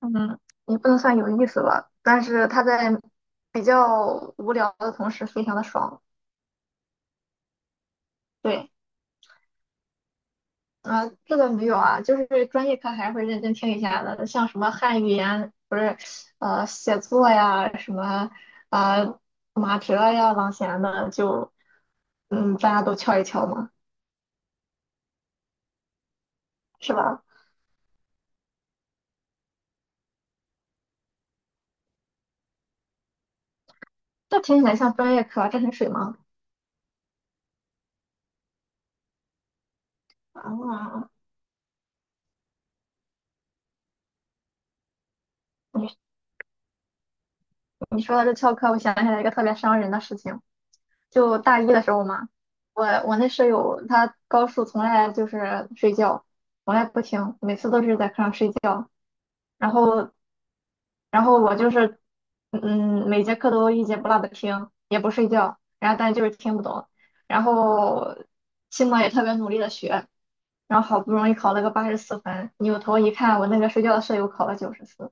嗯，也不能算有意思吧，但是它在比较无聊的同时，非常的爽。对，啊、这个没有啊，就是专业课还是会认真听一下的，像什么汉语言，不是，写作呀，什么，呃，马哲呀、郎咸的，就大家都敲一敲嘛，是吧？这听起来像专业课啊，这很水吗？啊，你你说的这翘课，我想起来一个特别伤人的事情。就大一的时候嘛，我那舍友她高数从来就是睡觉，从来不听，每次都是在课上睡觉。然后然后我就是每节课都一节不落的听，也不睡觉，然后但就是听不懂。然后期末也特别努力的学，然后好不容易考了个84分，扭头一看，我那个睡觉的舍友考了94，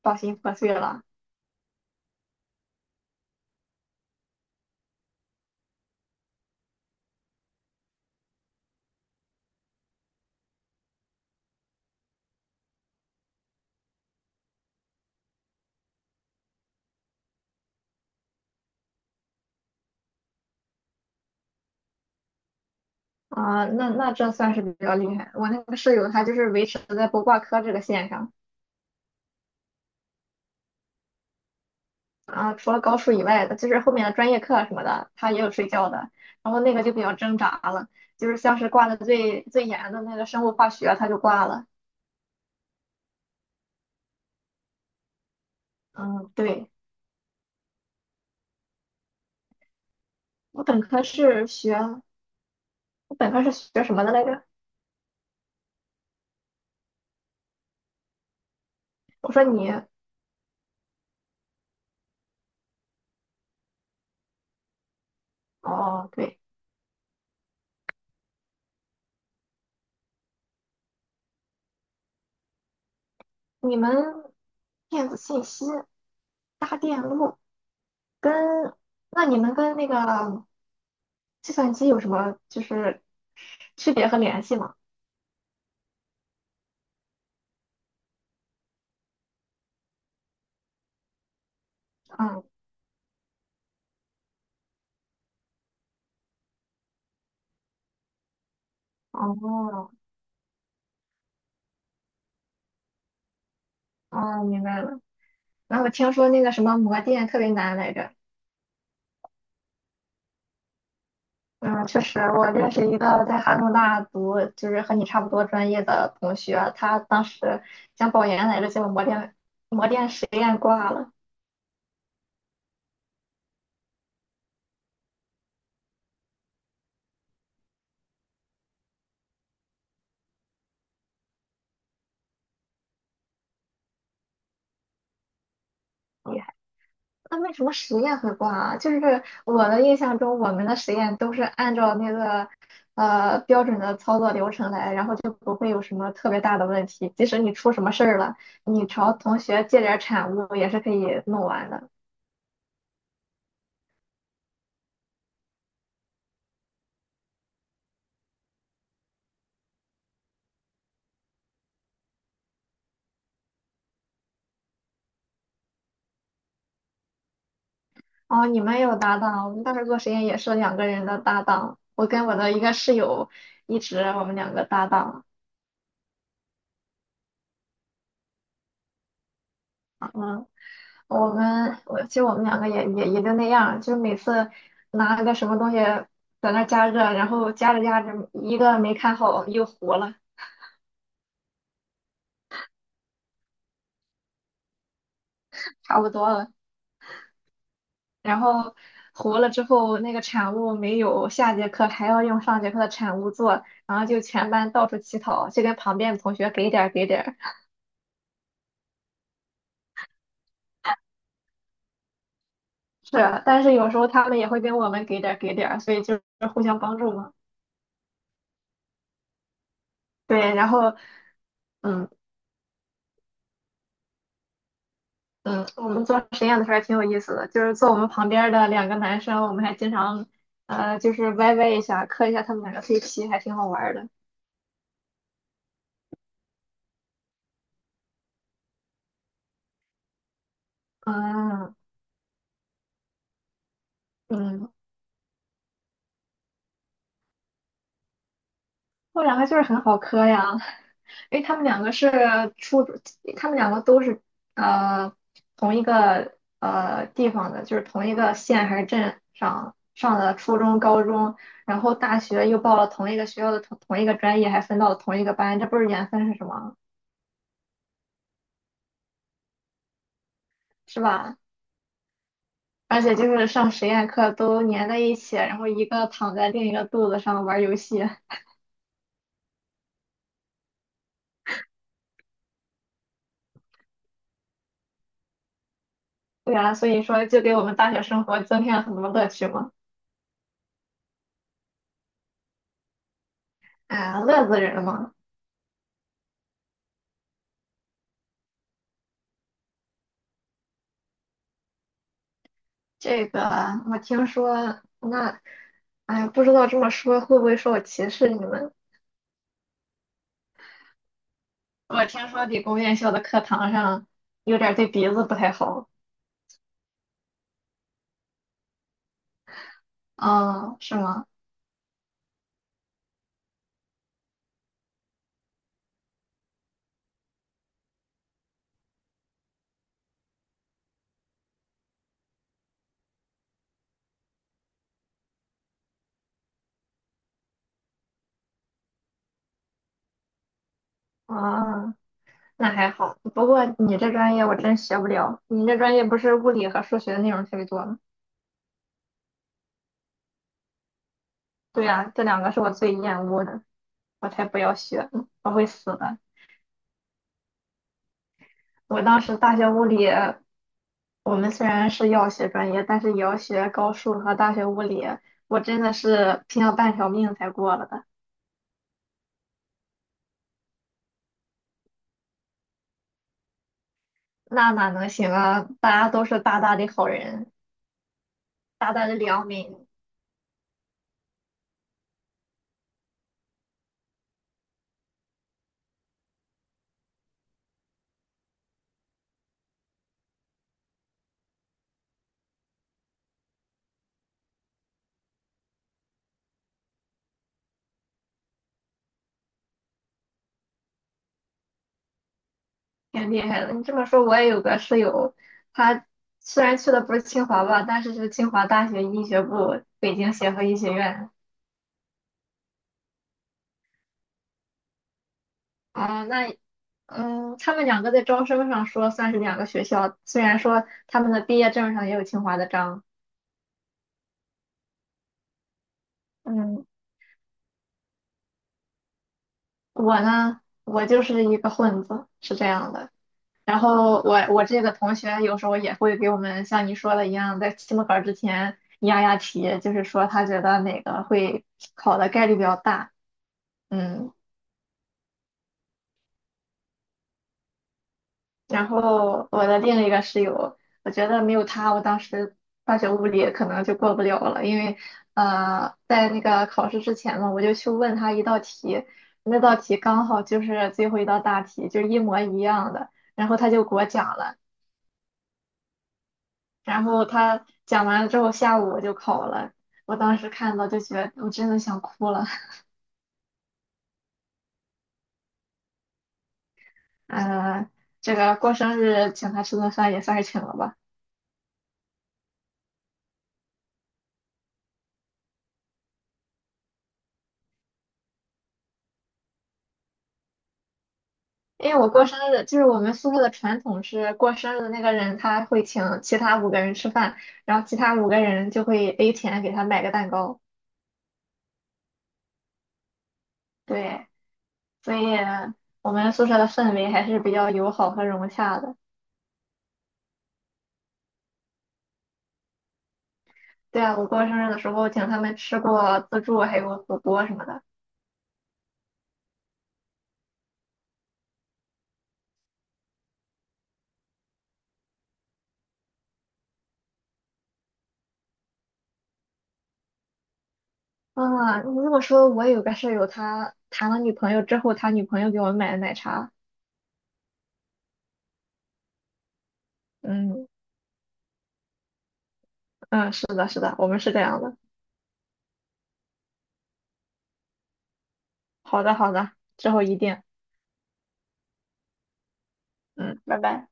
抱心破碎了。啊，那这算是比较厉害。我那个舍友他就是维持在不挂科这个线上。啊，除了高数以外的，就是后面的专业课啊什么的，他也有睡觉的，然后那个就比较挣扎了，就是像是挂的最最严的那个生物化学，他就挂了。嗯，对，我本科是学，我本科是学什么的来着？我说你，哦，对，你们电子信息、搭电路跟，那你们跟那个计算机有什么就是区别和联系吗？嗯，哦，哦，明白了。然后我听说那个什么魔电特别难来着，嗯，确实，我认识一个在哈工大读，就是和你差不多专业的同学，他当时想保研来着，结果魔电实验挂了，厉害。那为什么实验会挂啊？就是我的印象中，我们的实验都是按照那个标准的操作流程来，然后就不会有什么特别大的问题。即使你出什么事儿了，你朝同学借点儿产物也是可以弄完的。哦，你们有搭档，我们当时做实验也是两个人的搭档。我跟我的一个室友一直我们两个搭档，嗯，我其实我们两个也就那样，就每次拿个什么东西在那儿加热，然后加着加着一个没看好又糊了，差不多了，然后糊了之后那个产物没有下节课还要用上节课的产物做，然后就全班到处乞讨，就跟旁边的同学给点儿给点儿。是啊，但是有时候他们也会跟我们给点儿给点儿，所以就是互相帮助嘛。对，然后，嗯嗯，我们做实验的时候还挺有意思的，就是坐我们旁边儿的两个男生，我们还经常，就是歪歪一下，磕一下他们两个 CP，还挺好玩儿的。嗯嗯，后两个就是很好磕呀。因为他们两个是初，中，他们两个都是呃同一个地方的，就是同一个县还是镇上上的初中、高中，然后大学又报了同一个学校的同一个专业，还分到了同一个班，这不是缘分是什么？是吧？而且就是上实验课都粘在一起，然后一个躺在另一个肚子上玩游戏，对呀，所以说就给我们大学生活增添了很多乐趣嘛，啊，乐死人了嘛。这个我听说，那，哎呀，不知道这么说会不会说我歧视你们？我听说理工院校的课堂上有点儿对鼻子不太好。哦，是吗？啊，那还好。不过你这专业我真学不了，你这专业不是物理和数学的内容特别多吗？对呀，这两个是我最厌恶的，我才不要学呢，我会死的。我当时大学物理我们虽然是药学专业，但是也要学高数和大学物理。我真的是拼了半条命才过了的，那哪能行啊？大家都是大大的好人，大大的良民，挺厉害的。你这么说，我也有个室友，他虽然去的不是清华吧，但是是清华大学医学部北京协和医学院。啊、那他们两个在招生上说算是两个学校，虽然说他们的毕业证上也有清华的章。嗯，我呢，我就是一个混子，是这样的。然后我这个同学有时候也会给我们像你说的一样，在期末考之前压压题，就是说他觉得哪个会考的概率比较大。嗯，然后我的另一个室友，我觉得没有他，我当时化学物理可能就过不了了，因为在那个考试之前嘛，我就去问他一道题，那道题刚好就是最后一道大题，就是一模一样的，然后他就给我讲了。然后他讲完了之后，下午我就考了。我当时看到就觉得我真的想哭了。呃，这个过生日请他吃顿饭也算是请了吧，因为我过生日就是我们宿舍的传统是过生日的那个人他会请其他五个人吃饭，然后其他五个人就会 A 钱给他买个蛋糕。对，所以我们宿舍的氛围还是比较友好和融洽的。对啊，我过生日的时候请他们吃过自助，还有火锅什么的。啊，你这么说，我有个舍友，他谈了女朋友之后，他女朋友给我们买的奶茶。嗯嗯，是的，是的，我们是这样的。好的，好的，之后一定。嗯，拜拜。